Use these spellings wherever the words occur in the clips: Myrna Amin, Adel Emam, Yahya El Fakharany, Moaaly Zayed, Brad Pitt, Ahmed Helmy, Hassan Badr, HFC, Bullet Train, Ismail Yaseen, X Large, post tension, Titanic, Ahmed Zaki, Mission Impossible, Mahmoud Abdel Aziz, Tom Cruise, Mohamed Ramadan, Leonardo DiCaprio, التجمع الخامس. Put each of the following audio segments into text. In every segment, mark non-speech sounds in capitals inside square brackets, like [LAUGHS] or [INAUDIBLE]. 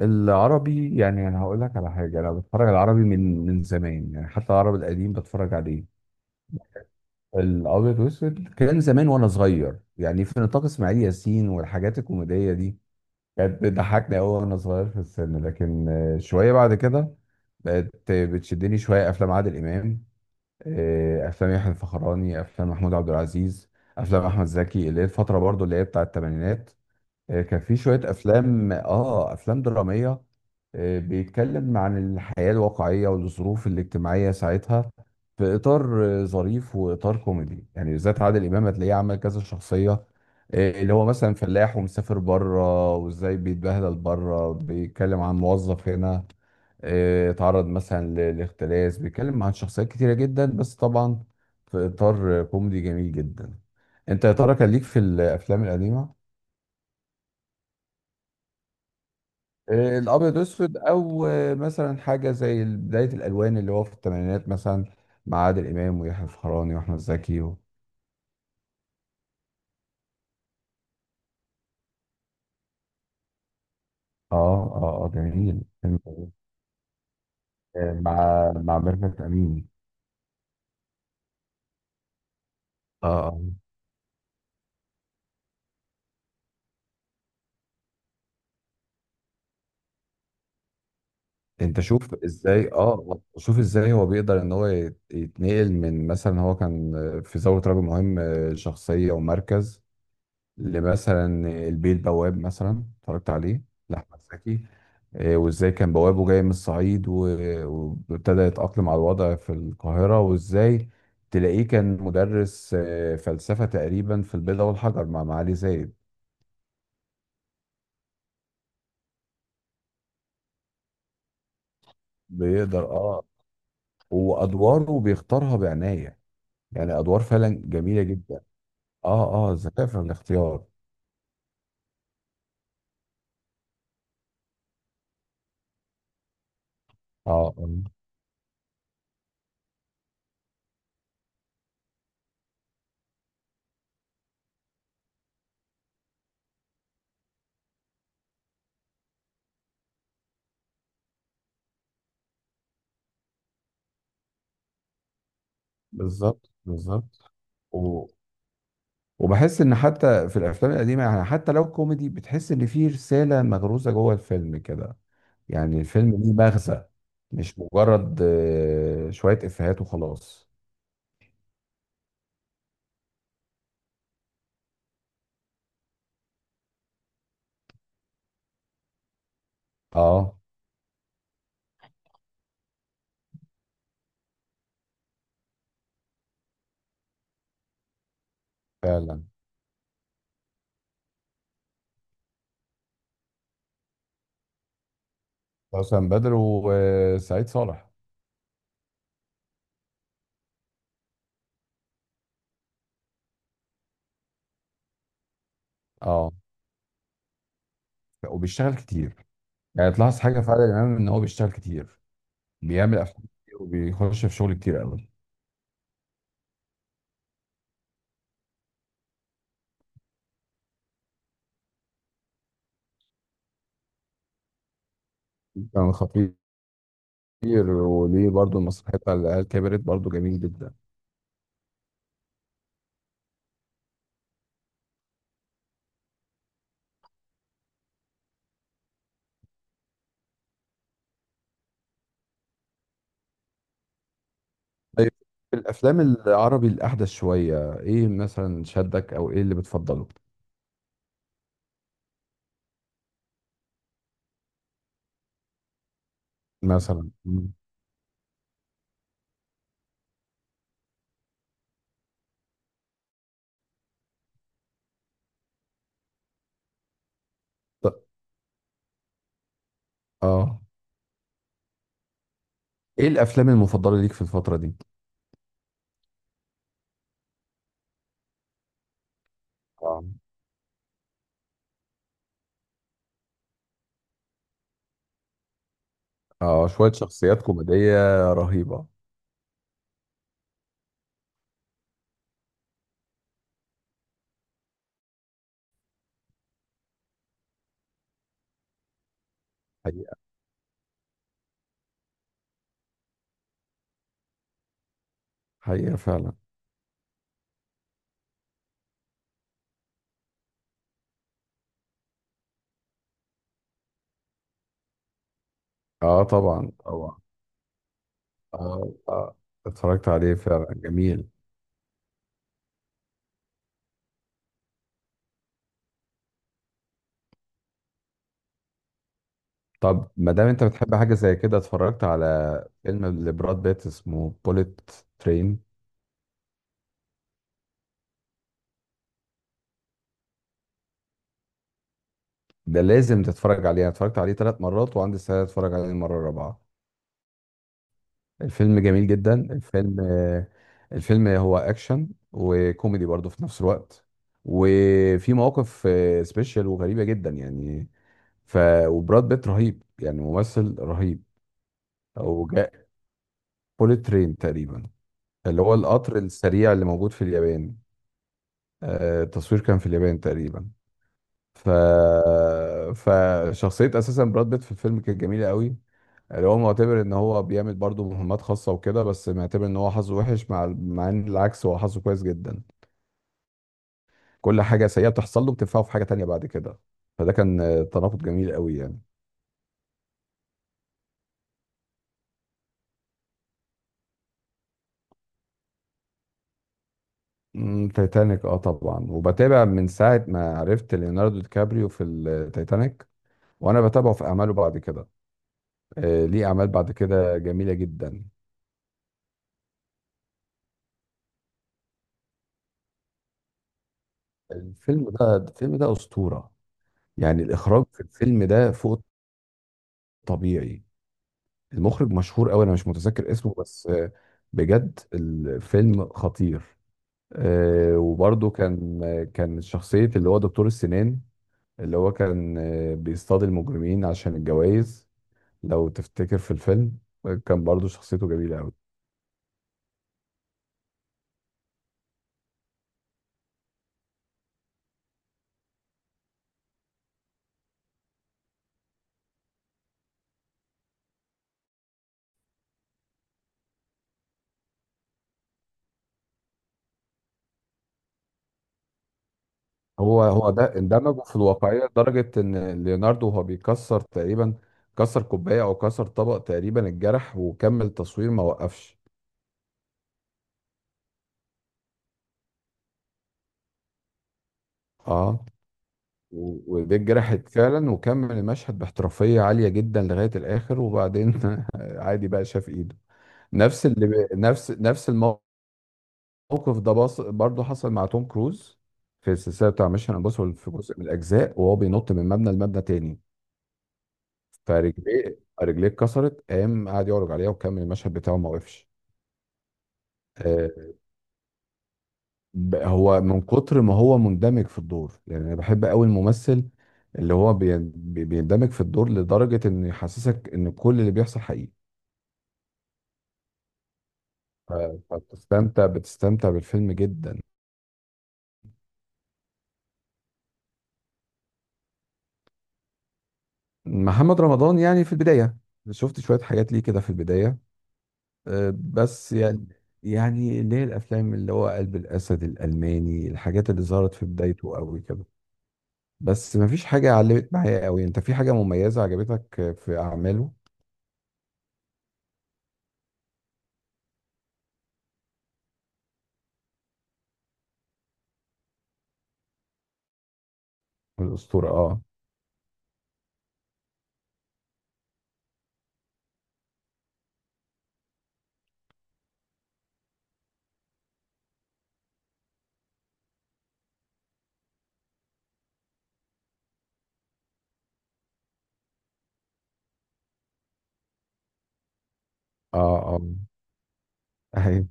العربي، يعني انا هقول لك على حاجه. انا بتفرج على العربي من زمان، يعني حتى العربي القديم بتفرج عليه الابيض واسود. كان زمان وانا صغير، يعني في نطاق اسماعيل ياسين، والحاجات الكوميديه دي كانت بتضحكني قوي وانا صغير في السن. لكن شويه بعد كده بقت بتشدني شويه افلام عادل امام. افلام يحيى الفخراني، افلام محمود عبد العزيز، افلام احمد زكي، اللي هي الفتره برضو اللي هي بتاع الثمانينات. كان في شوية أفلام أفلام درامية. بيتكلم عن الحياة الواقعية والظروف الاجتماعية ساعتها، في إطار ظريف وإطار كوميدي، يعني بالذات عادل إمام هتلاقيه عمل كذا شخصية. اللي هو مثلا فلاح ومسافر بره وإزاي بيتبهدل بره، بيتكلم عن موظف هنا، اتعرض مثلا لاختلاس، بيتكلم عن شخصيات كتيرة جدا. بس طبعا في إطار كوميدي جميل جدا. أنت يا ترى كان ليك في الأفلام القديمة؟ الابيض اسود، او مثلا حاجه زي بدايه الالوان اللي هو في الثمانينات مثلا، مع عادل امام ويحيى الفخراني واحمد زكي و... اه، اه، اه، جميل، فيلم جميل. مع ميرفت امين. اه، آه. انت شوف ازاي، اه، شوف ازاي هو بيقدر ان هو يتنقل من مثلا، هو كان في ثوره رجل مهم، شخصيه ومركز، لمثلا البيه البواب، مثلا اتفرجت عليه لأحمد زكي. وازاي كان بوابه جاي من الصعيد وابتدى يتأقلم على الوضع في القاهرة، وازاي تلاقيه كان مدرس فلسفة تقريبا في البيضة والحجر مع معالي زايد. بيقدر، اه. وأدواره بيختارها بعناية، يعني أدوار فعلا جميلة جدا. اه، اه، ذكاء في الاختيار. اه، آه، بالظبط بالظبط. وبحس ان حتى في الافلام القديمه، يعني حتى لو كوميدي، بتحس ان في رساله مغروزه جوه الفيلم كده، يعني الفيلم ليه مغزى، مش مجرد شويه افيهات وخلاص. اه، فعلا. حسن بدر وسعيد صالح. اه، وبيشتغل كتير، يعني تلاحظ حاجه في عادل امام، ان هو بيشتغل كتير، بيعمل افلام كتير وبيخش في شغل كتير قوي. كان خطير. وليه برضه المسرحيه بتاع العيال كبرت، برضه جميل جدا. طيب، في الافلام العربي الاحدث شويه، ايه مثلا شدك، او ايه اللي بتفضله؟ مثلا، مم. ط- اه، ايه الافلام المفضله ليك في الفتره دي؟ اه، اه، شويه شخصيات كوميديه رهيبه. حقيقه، حقيقه، فعلا. اه، طبعا طبعا. اه، آه. اتفرجت عليه فعلا، جميل. طب ما دام انت بتحب حاجه زي كده، اتفرجت على فيلم لبراد بيت اسمه بوليت ترين؟ ده لازم تتفرج عليه. انا اتفرجت عليه ثلاث مرات وعندي استعداد اتفرج عليه المره الرابعه. الفيلم جميل جدا، الفيلم. الفيلم هو اكشن وكوميدي برضه في نفس الوقت، وفي مواقف سبيشال وغريبة جدا يعني. ف وبراد بيت رهيب، يعني ممثل رهيب. او جاء بوليت ترين تقريبا، اللي هو القطر السريع اللي موجود في اليابان. التصوير كان في اليابان تقريبا. ف فشخصية اساسا براد بيت في الفيلم كانت جميلة قوي. اللي هو معتبر ان هو بيعمل برضه مهمات خاصه وكده، بس معتبر ان هو حظه وحش، مع ان العكس هو حظه كويس جدا. كل حاجه سيئه بتحصل له بتنفعه في حاجه تانية بعد كده. فده كان تناقض جميل قوي يعني. تايتانيك، اه طبعا، وبتابع من ساعه ما عرفت ليوناردو دي كابريو في التايتانيك، وانا بتابعه في اعماله بعد كده. ليه اعمال بعد كده جميله جدا. الفيلم ده اسطوره. يعني الاخراج في الفيلم ده فوق الطبيعي. المخرج مشهور قوي، انا مش متذكر اسمه، بس بجد الفيلم خطير. وبرضه كان كان شخصية اللي هو دكتور السنان، اللي هو كان بيصطاد المجرمين عشان الجوائز، لو تفتكر في الفيلم. كان برضه شخصيته جميلة قوي. هو ده اندمج في الواقعية لدرجة ان ليوناردو، وهو بيكسر تقريبا، كسر كوباية او كسر طبق تقريبا، اتجرح وكمل تصوير ما وقفش. اه، وايديه اتجرحت فعلا وكمل المشهد باحترافيه عاليه جدا لغايه الاخر، وبعدين [LAUGHS] عادي بقى شاف ايده. نفس اللي نفس الموقف ده برضه حصل مع توم كروز، في السلسله بتاع ميشن امبوسيبل، في جزء من الاجزاء وهو بينط من مبنى لمبنى تاني. رجليه اتكسرت، قام قعد يعرج عليها وكمل المشهد بتاعه ما وقفش. آه، هو من كتر ما هو مندمج في الدور. يعني انا بحب قوي الممثل اللي هو بيندمج في الدور لدرجة انه يحسسك ان كل اللي بيحصل حقيقي. ف- فبتستمتع بالفيلم جدا. محمد رمضان، يعني في البداية شفت شوية حاجات ليه كده في البداية، بس يعني، يعني اللي هي الافلام اللي هو قلب الاسد، الالماني، الحاجات اللي ظهرت في بدايته قوي كده. بس مفيش حاجة علمت معايا قوي. انت في حاجة مميزة عجبتك في اعماله؟ الاسطورة، اه. اه، اه، ايوه،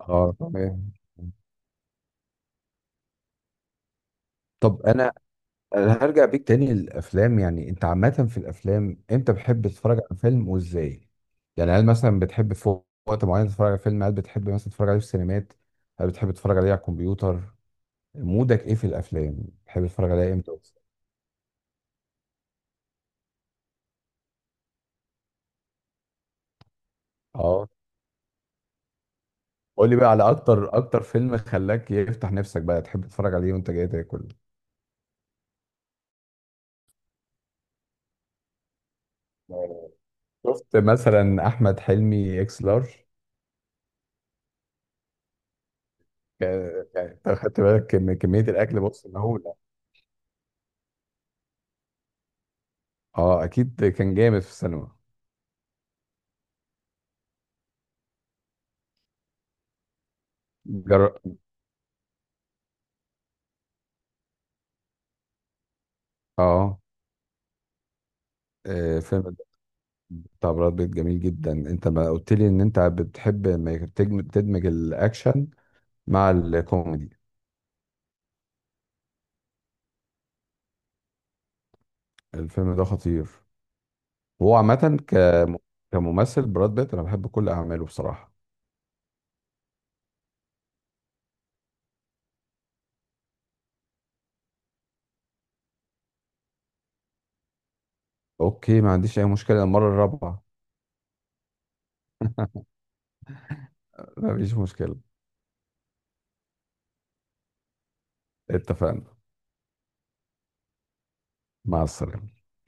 اه، تمام. طب انا، أنا هرجع بيك تاني للافلام. يعني انت عامه في الافلام امتى بتحب تتفرج على فيلم وازاي؟ يعني هل مثلا بتحب في وقت معين تتفرج على فيلم؟ هل بتحب مثلا تتفرج عليه في السينمات؟ هل بتحب تتفرج عليه على الكمبيوتر؟ مودك ايه في الافلام، بتحب تتفرج عليها امتى وإزاي؟ اه، قول لي بقى على اكتر اكتر فيلم خلاك يفتح نفسك بقى تحب تتفرج عليه وانت جاي تاكل. شفت مثلا احمد حلمي اكس لارج؟ ك- يعني انت خدت بالك من كميه الاكل؟ بص اللي هو. اه، اكيد كان جامد في السينما. جر... اه. فيلم بتاع براد بيت جميل جدا. انت ما قلت لي ان انت بتحب ما تدمج الاكشن مع الكوميدي. الفيلم ده خطير. وهو عامه كممثل، براد بيت انا بحب كل اعماله بصراحه. اوكي، ما عنديش اي مشكله، المره الرابعه. [LAUGHS] مفيش مشكله. اتفقنا، مع السلامه.